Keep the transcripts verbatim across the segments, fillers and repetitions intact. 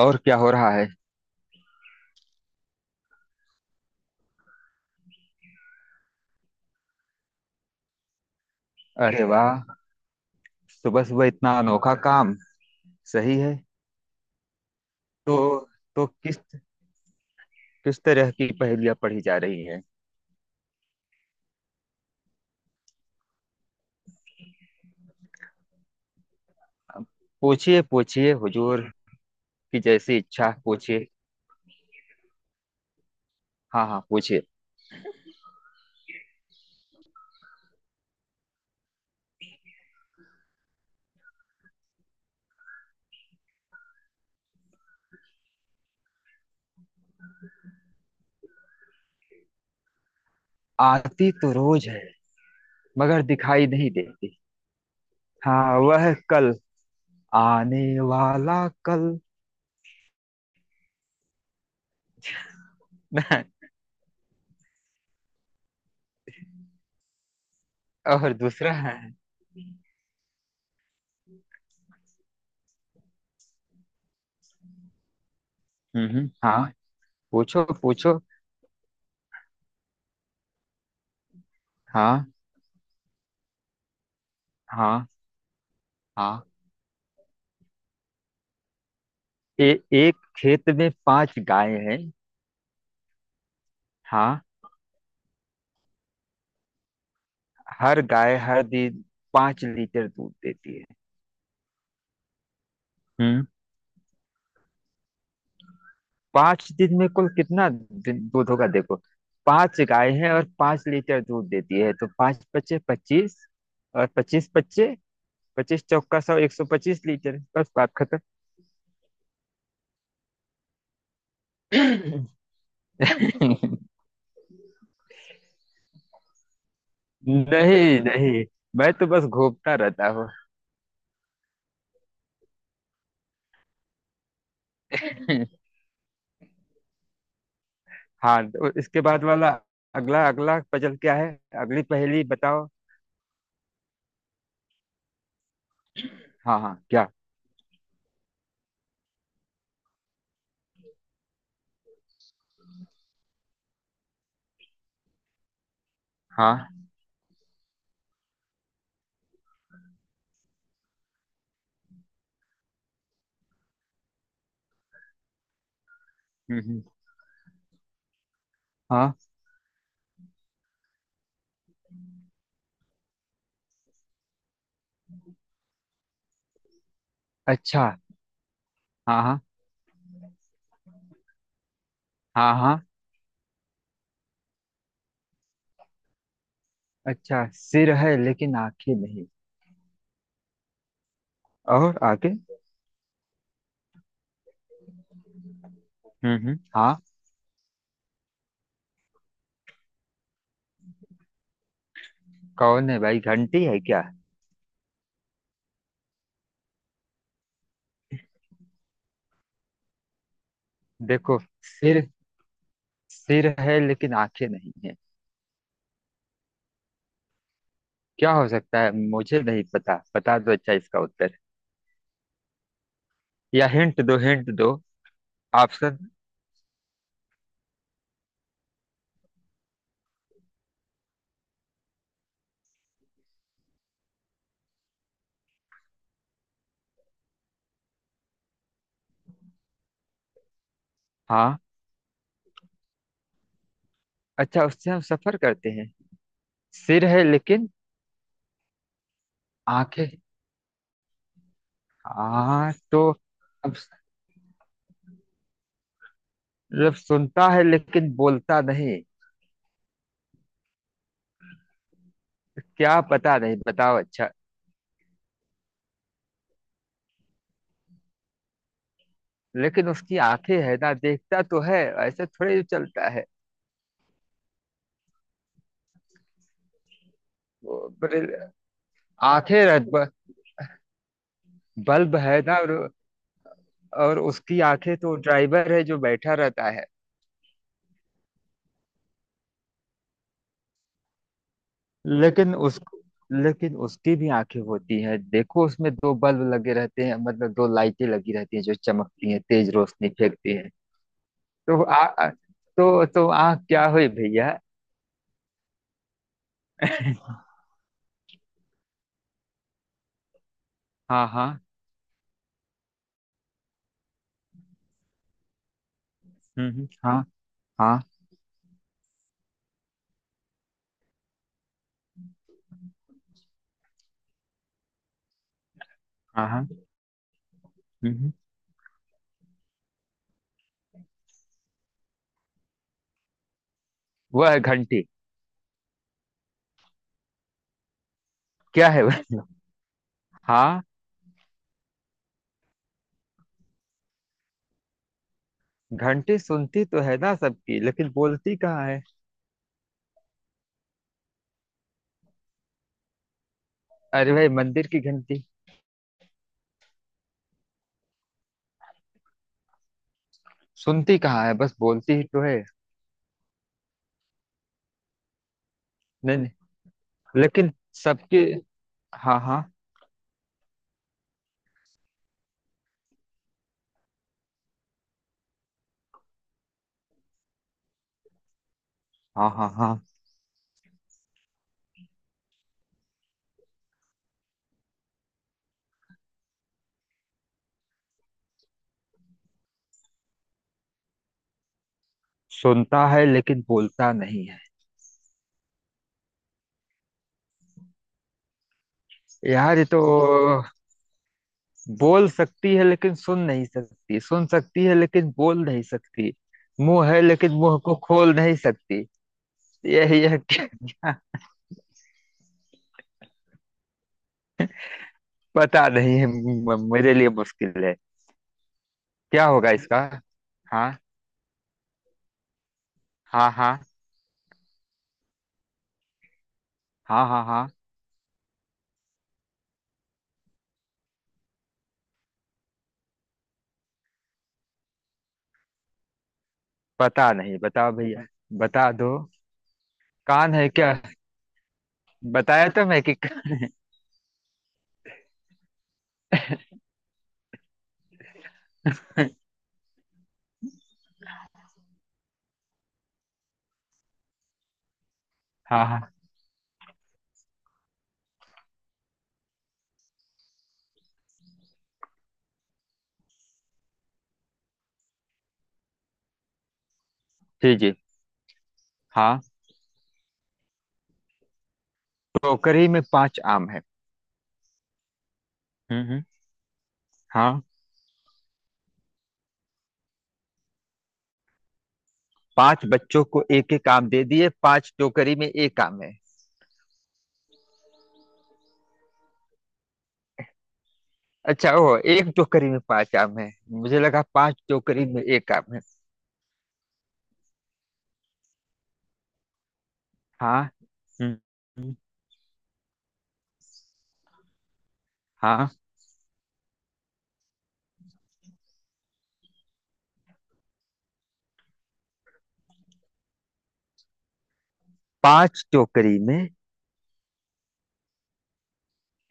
और क्या हो रहा है। अरे वाह। सुबह सुबह इतना अनोखा काम। सही है। तो तो किस किस तरह की पहेलियां पढ़ी जा रही है? पूछिए पूछिए हुजूर। की जैसी इच्छा पूछिए। हाँ हाँ, पूछिए। आती तो रोज है मगर दिखाई नहीं देती। हाँ, वह कल आने वाला कल। और दूसरा है? हम्म हम्म, हाँ। पूछो पूछो। हाँ हाँ हाँ। ए, एक खेत में पांच गायें हैं। हाँ। हर गाय हर दिन पांच लीटर दूध देती है। हम्म पांच दिन में कुल कितना दिन दूध होगा? देखो, पांच गाय हैं और पांच लीटर दूध देती है तो पांच पच्चे पच्चीस और पच्चीस पच्चे पच्चीस चौका सौ एक सौ पच्चीस लीटर। बस बात खत्म। नहीं नहीं, मैं तो बस घूमता रहता हूँ। हाँ, तो इसके बाद वाला अगला अगला पजल क्या है? अगली पहेली बताओ। हाँ हाँ, क्या? हाँ। हम्म, हम्म, हाँ। अच्छा। हाँ हाँ हाँ। अच्छा, सिर है लेकिन आंखें नहीं? और आगे? हम्म हम्म, हाँ। कौन है भाई, घंटी है क्या? देखो, सिर, सिर है लेकिन आंखें नहीं है। क्या हो सकता है? मुझे नहीं पता। बता दो अच्छा, इसका उत्तर। या हिंट दो, हिंट दो, ऑप्शन। हाँ। अच्छा, उससे हम सफर करते हैं। सिर है लेकिन आंखें। हाँ तो, अब, मतलब सुनता है लेकिन बोलता नहीं? क्या? पता नहीं, बताओ अच्छा। लेकिन उसकी आंखें है ना, देखता तो है, ऐसे थोड़े ही चलता है। पर आंखें रह, ब- बल्ब है ना, और, और उसकी आंखें तो ड्राइवर है जो बैठा रहता है। लेकिन उस लेकिन उसकी भी आंखें होती है, देखो उसमें दो बल्ब लगे रहते हैं, मतलब दो लाइटें लगी रहती हैं, जो चमकती हैं, तेज रोशनी फेंकती हैं। तो आ आ- तो तो आंख क्या हुई भैया? हाँ हाँ। हम्म हम्म, हाँ। हाँ हाँ हाँ। हम्म हम्म। वह है घंटी। क्या है वह? हाँ। घंटी सुनती तो है ना सबकी, लेकिन बोलती कहाँ है? अरे भाई, मंदिर की घंटी। सुनती कहाँ है, बस बोलती ही तो है। नहीं नहीं, लेकिन सबके। हाँ हाँ हाँ। हाँ हाँ। सुनता है लेकिन बोलता नहीं है? यार ये तो बोल सकती है लेकिन सुन नहीं सकती, सुन सकती है लेकिन बोल नहीं सकती, मुंह है लेकिन मुंह को खोल नहीं सकती। यह यह क्या, क्या? पता नहीं है, म- मेरे लिए मुश्किल है। क्या होगा इसका? हाँ हाँ हाँ। हाँ हाँ हाँ। पता नहीं, बताओ भैया, बता दो। कान है क्या? बताया तो मैं कि। हाँ हाँ। जी जी। हाँ, टोकरी में पांच आम है। हम्म हम्म। हाँ, पांच बच्चों को एक एक आम दे दिए, पांच टोकरी में एक आम है। अच्छा ओ, एक टोकरी में पांच आम है। मुझे लगा पांच टोकरी में एक आम है। हाँ। हम्म हम्म, हाँ। पांच टोकरी में,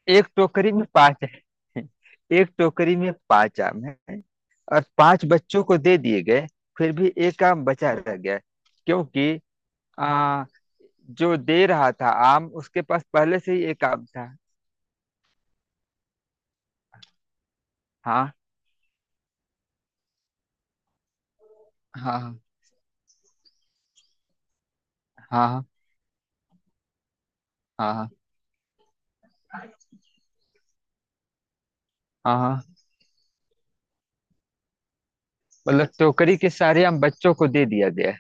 एक टोकरी में पांच है। एक टोकरी में पांच आम है और पांच बच्चों को दे दिए गए, फिर भी एक आम बचा रह गया क्योंकि जो दे रहा था आम, उसके पास पहले से ही एक आम था। हाँ हाँ हाँ। हाँ हाँ हाँ। मतलब टोकरी के सारे आम बच्चों को दे दिया गया है।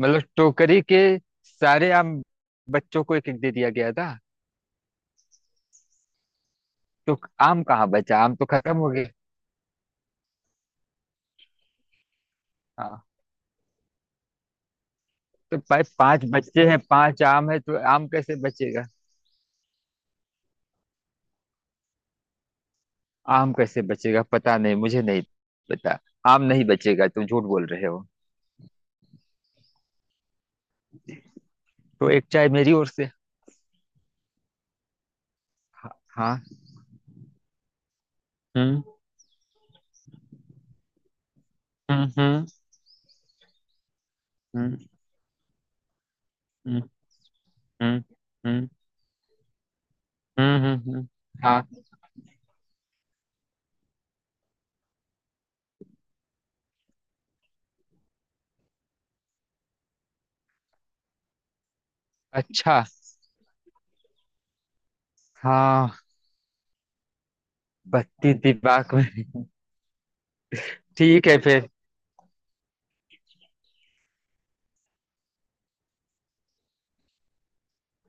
मतलब टोकरी के सारे आम बच्चों को एक एक दे दिया गया था, तो आम कहाँ बचा? आम तो खत्म हो गया। हाँ, तो भाई पांच बच्चे हैं, पांच आम है, तो आम कैसे बचेगा? आम कैसे बचेगा? पता नहीं, मुझे नहीं पता। आम नहीं बचेगा, तुम झूठ बोल रहे हो। तो एक चाय मेरी ओर से। हाँ हाँ। हम्म हम्म हम्म हम्म, हम्म हम्म हम्म हम्म, हम्म। हाँ, अच्छा। हाँ। हम्म। बत्ती दिमाग में। ठीक है फिर।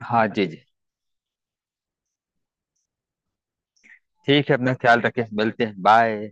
हाँ जी जी। ठीक है, अपना ख्याल रखें, मिलते हैं, बाय।